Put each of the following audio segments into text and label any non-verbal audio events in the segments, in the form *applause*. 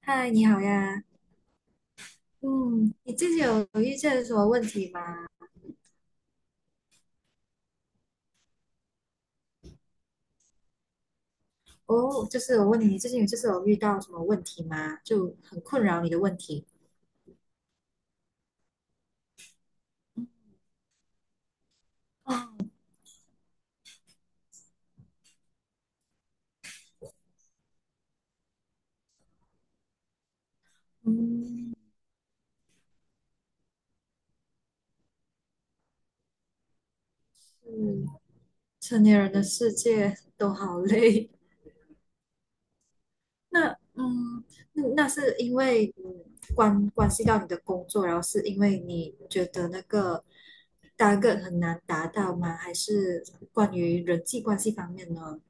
嗨，你好呀。嗯，你最近有遇见什么问题吗？哦，就是我问你，你最近有就是有遇到什么问题吗？就很困扰你的问题。哦，嗯，是成年人的世界都好累。*laughs* 那嗯，那是因为嗯关系到你的工作，然后是因为你觉得那个 t 个很难达到吗？还是关于人际关系方面呢？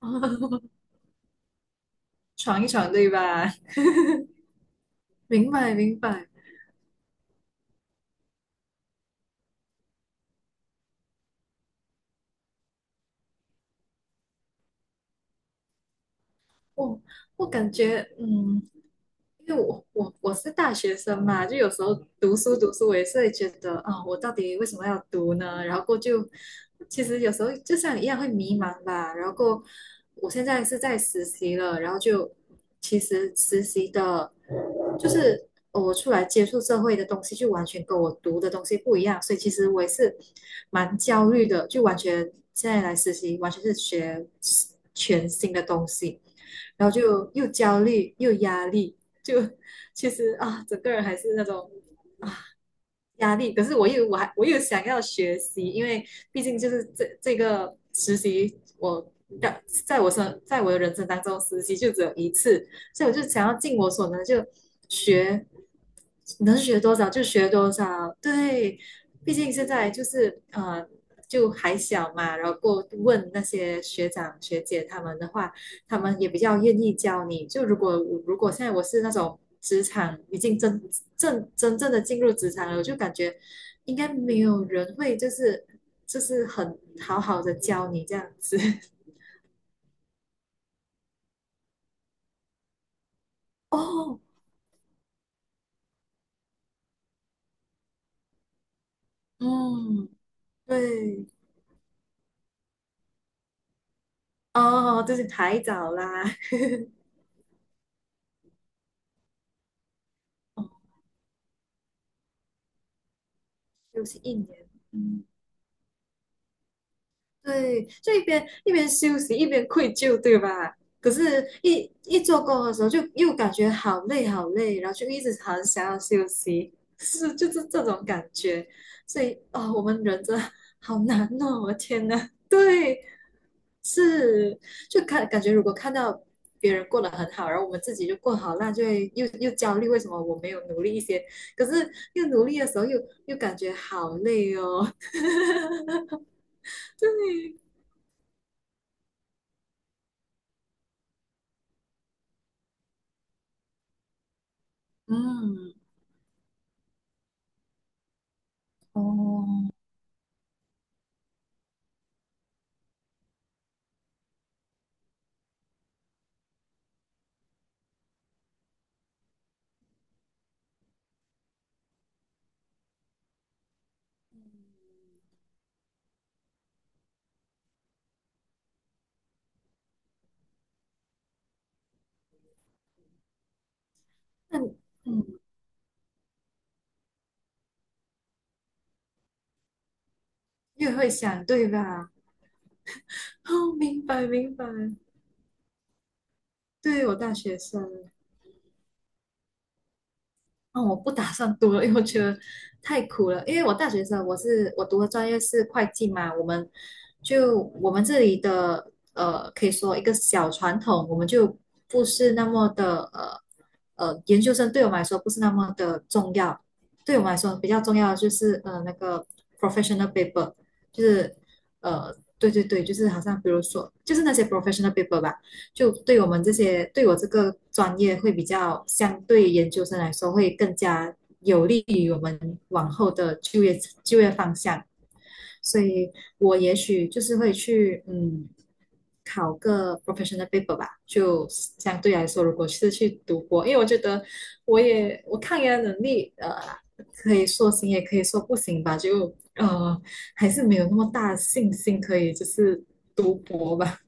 *laughs* 闯一闯，对吧？明白明白，我我感觉，嗯，因为我是大学生嘛，就有时候读书读书，我也是会觉得啊、我到底为什么要读呢？然后过后就其实有时候就像你一样会迷茫吧。然后过后我现在是在实习了，然后就其实实习的，就是我出来接触社会的东西，就完全跟我读的东西不一样，所以其实我也是蛮焦虑的，就完全现在来实习，完全是学全新的东西。然后就又焦虑又压力，就其实啊，整个人还是那种压力。可是我又想要学习，因为毕竟就是这个实习，我在我的人生当中，实习就只有一次，所以我就想要尽我所能就学能学多少就学多少，对，毕竟现在就是就还小嘛，然后过问那些学长学姐他们的话，他们也比较愿意教你。就如果现在我是那种职场已经真正的进入职场了，我就感觉应该没有人会就是就是很好好的教你这样子。*laughs* 哦，嗯，对，哦，就是太早啦，*laughs* 又是一年。对，就一边一边休息一边愧疚，对吧？可是一，一做工的时候就又感觉好累好累，然后就一直很想要休息，*laughs* 是就是这种感觉。所以啊、哦我们人真的好难哦，我的天呐，*laughs* 对，是就看感觉如果看到别人过得很好，然后我们自己就过好那就会又焦虑，为什么我没有努力一些？可是又努力的时候又感觉好累哦，*laughs* 对，嗯。哦，那你嗯，你也会想对吧？哦，明白明白，对我大学生。那我不打算读了，因为我觉得太苦了。因为我大学生，我是我读的专业是会计嘛，我们就我们这里的呃，可以说一个小传统，我们就不是那么的呃，研究生对我们来说不是那么的重要，对我们来说比较重要的就是呃那个 professional paper，就是呃对对对，就是好像比如说就是那些 professional paper 吧。就对我们这些对我这个专业会比较相对研究生来说会更加有利于我们往后的就业方向，所以我也许就是会去嗯考个 professional paper 吧，就相对来说，如果是去读博，因为我觉得我抗压能力呃可以说行也可以说不行吧，就呃还是没有那么大的信心可以就是读博吧，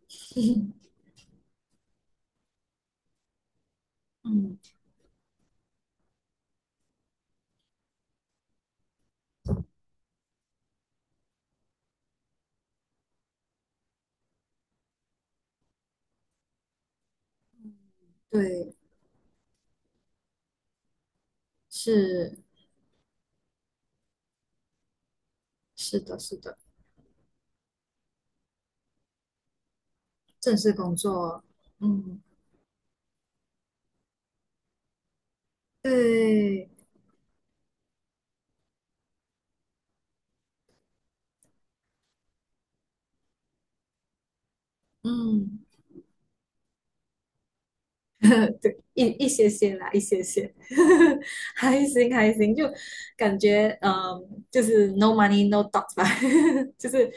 嗯，对。是是的，是的，正式工作，嗯，对，嗯。*laughs* 对，一一些些啦，一些些，*laughs* 还行还行，就感觉嗯，就是 no money no talk 吧，*laughs* 就是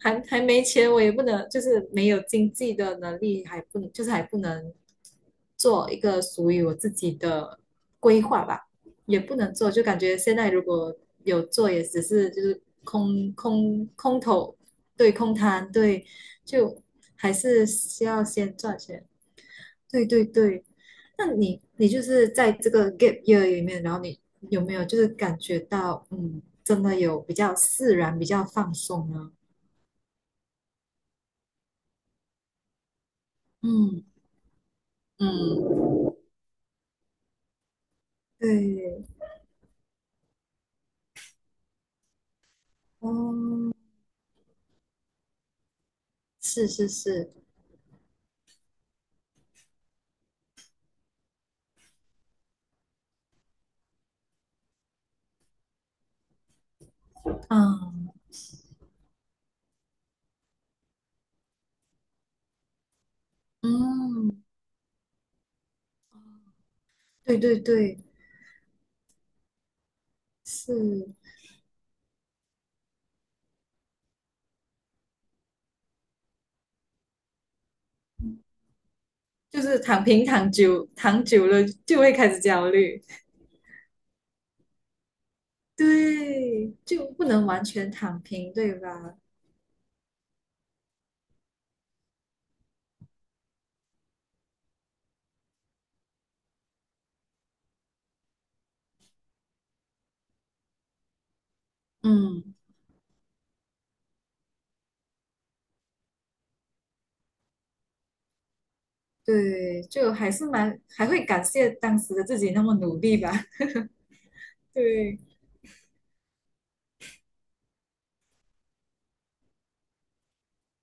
还还没钱，我也不能，就是没有经济的能力，还不能，就是还不能做一个属于我自己的规划吧，也不能做，就感觉现在如果有做，也只是就是空头，对，空谈，对，就还是需要先赚钱。对对对，那你就是在这个 gap year 里面，然后你有没有就是感觉到，嗯，真的有比较自然、比较放松呢？嗯嗯对，哦，是是是，嗯，嗯，对对对，是，就是躺平躺久了就会开始焦虑。对，就不能完全躺平，对吧？嗯。对，就还是蛮还会感谢当时的自己那么努力吧。*laughs* 对，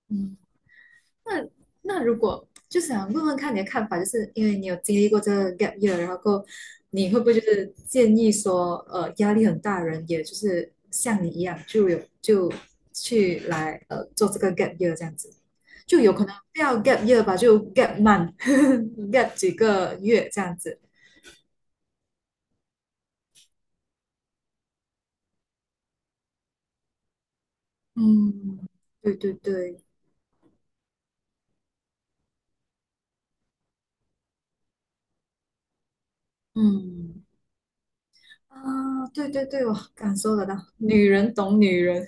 嗯，那如果就想问问看你的看法，就是因为你有经历过这个 gap year，然后过你会不会就是建议说，呃，压力很大的人，也就是像你一样，就有就去来呃做这个 gap year 这样子，就有可能不要 gap year 吧，就 gap month，gap *laughs* 几个月这样子。嗯，对对对，嗯。啊，对对对，我感受得到，女人懂女人，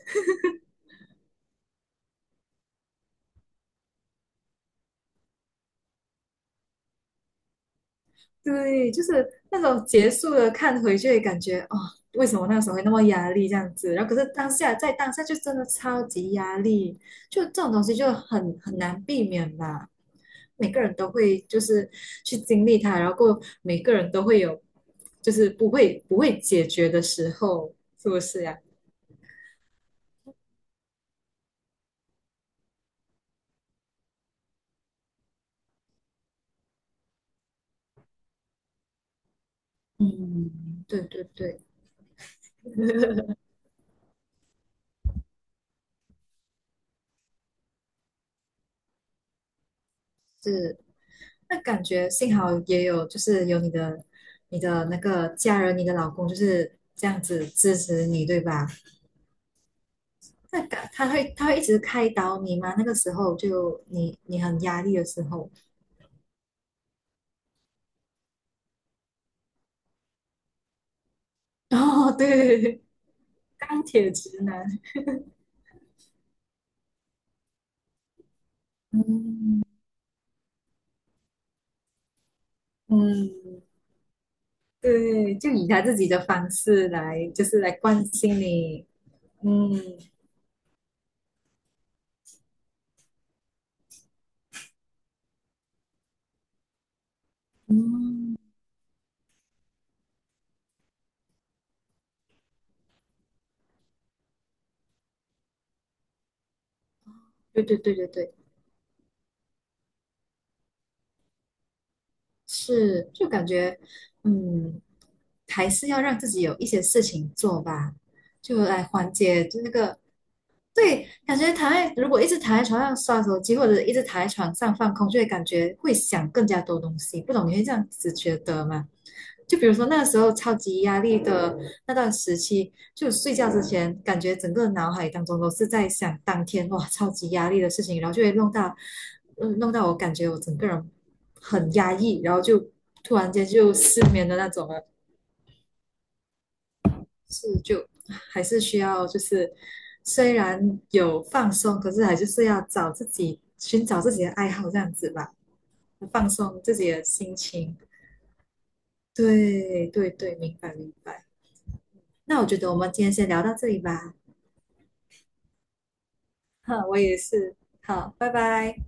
对，就是那种结束了看回去，感觉哦，为什么那时候会那么压力这样子？然后可是当下在当下就真的超级压力，就这种东西就很难避免吧。每个人都会就是去经历它，然后过后每个人都会有就是不会解决的时候，是不是呀？嗯，对对对，是。那感觉幸好也有，就是有你的、你的那个家人、你的老公，就是这样子支持你，对吧？那感他会一直开导你吗？那个时候就你很压力的时候，*laughs* 哦，对，钢铁直男，嗯嗯，对，就以他自己的方式来，就是来关心你，嗯嗯，对对对对对，是，就感觉嗯。还是要让自己有一些事情做吧，就来缓解就那个。对，感觉躺在如果一直躺在床上刷手机，或者一直躺在床上放空，就会感觉会想更加多东西。不懂你会这样子觉得吗？就比如说那时候超级压力的那段时期，就睡觉之前，感觉整个脑海当中都是在想当天哇超级压力的事情，然后就会弄到，嗯，弄到我感觉我整个人很压抑，然后就突然间就失眠的那种了。是就还是需要，就是虽然有放松，可是还就是要找自己寻找自己的爱好这样子吧，放松自己的心情。对对对，明白明白。那我觉得我们今天先聊到这里吧。哈，我也是。好，拜拜。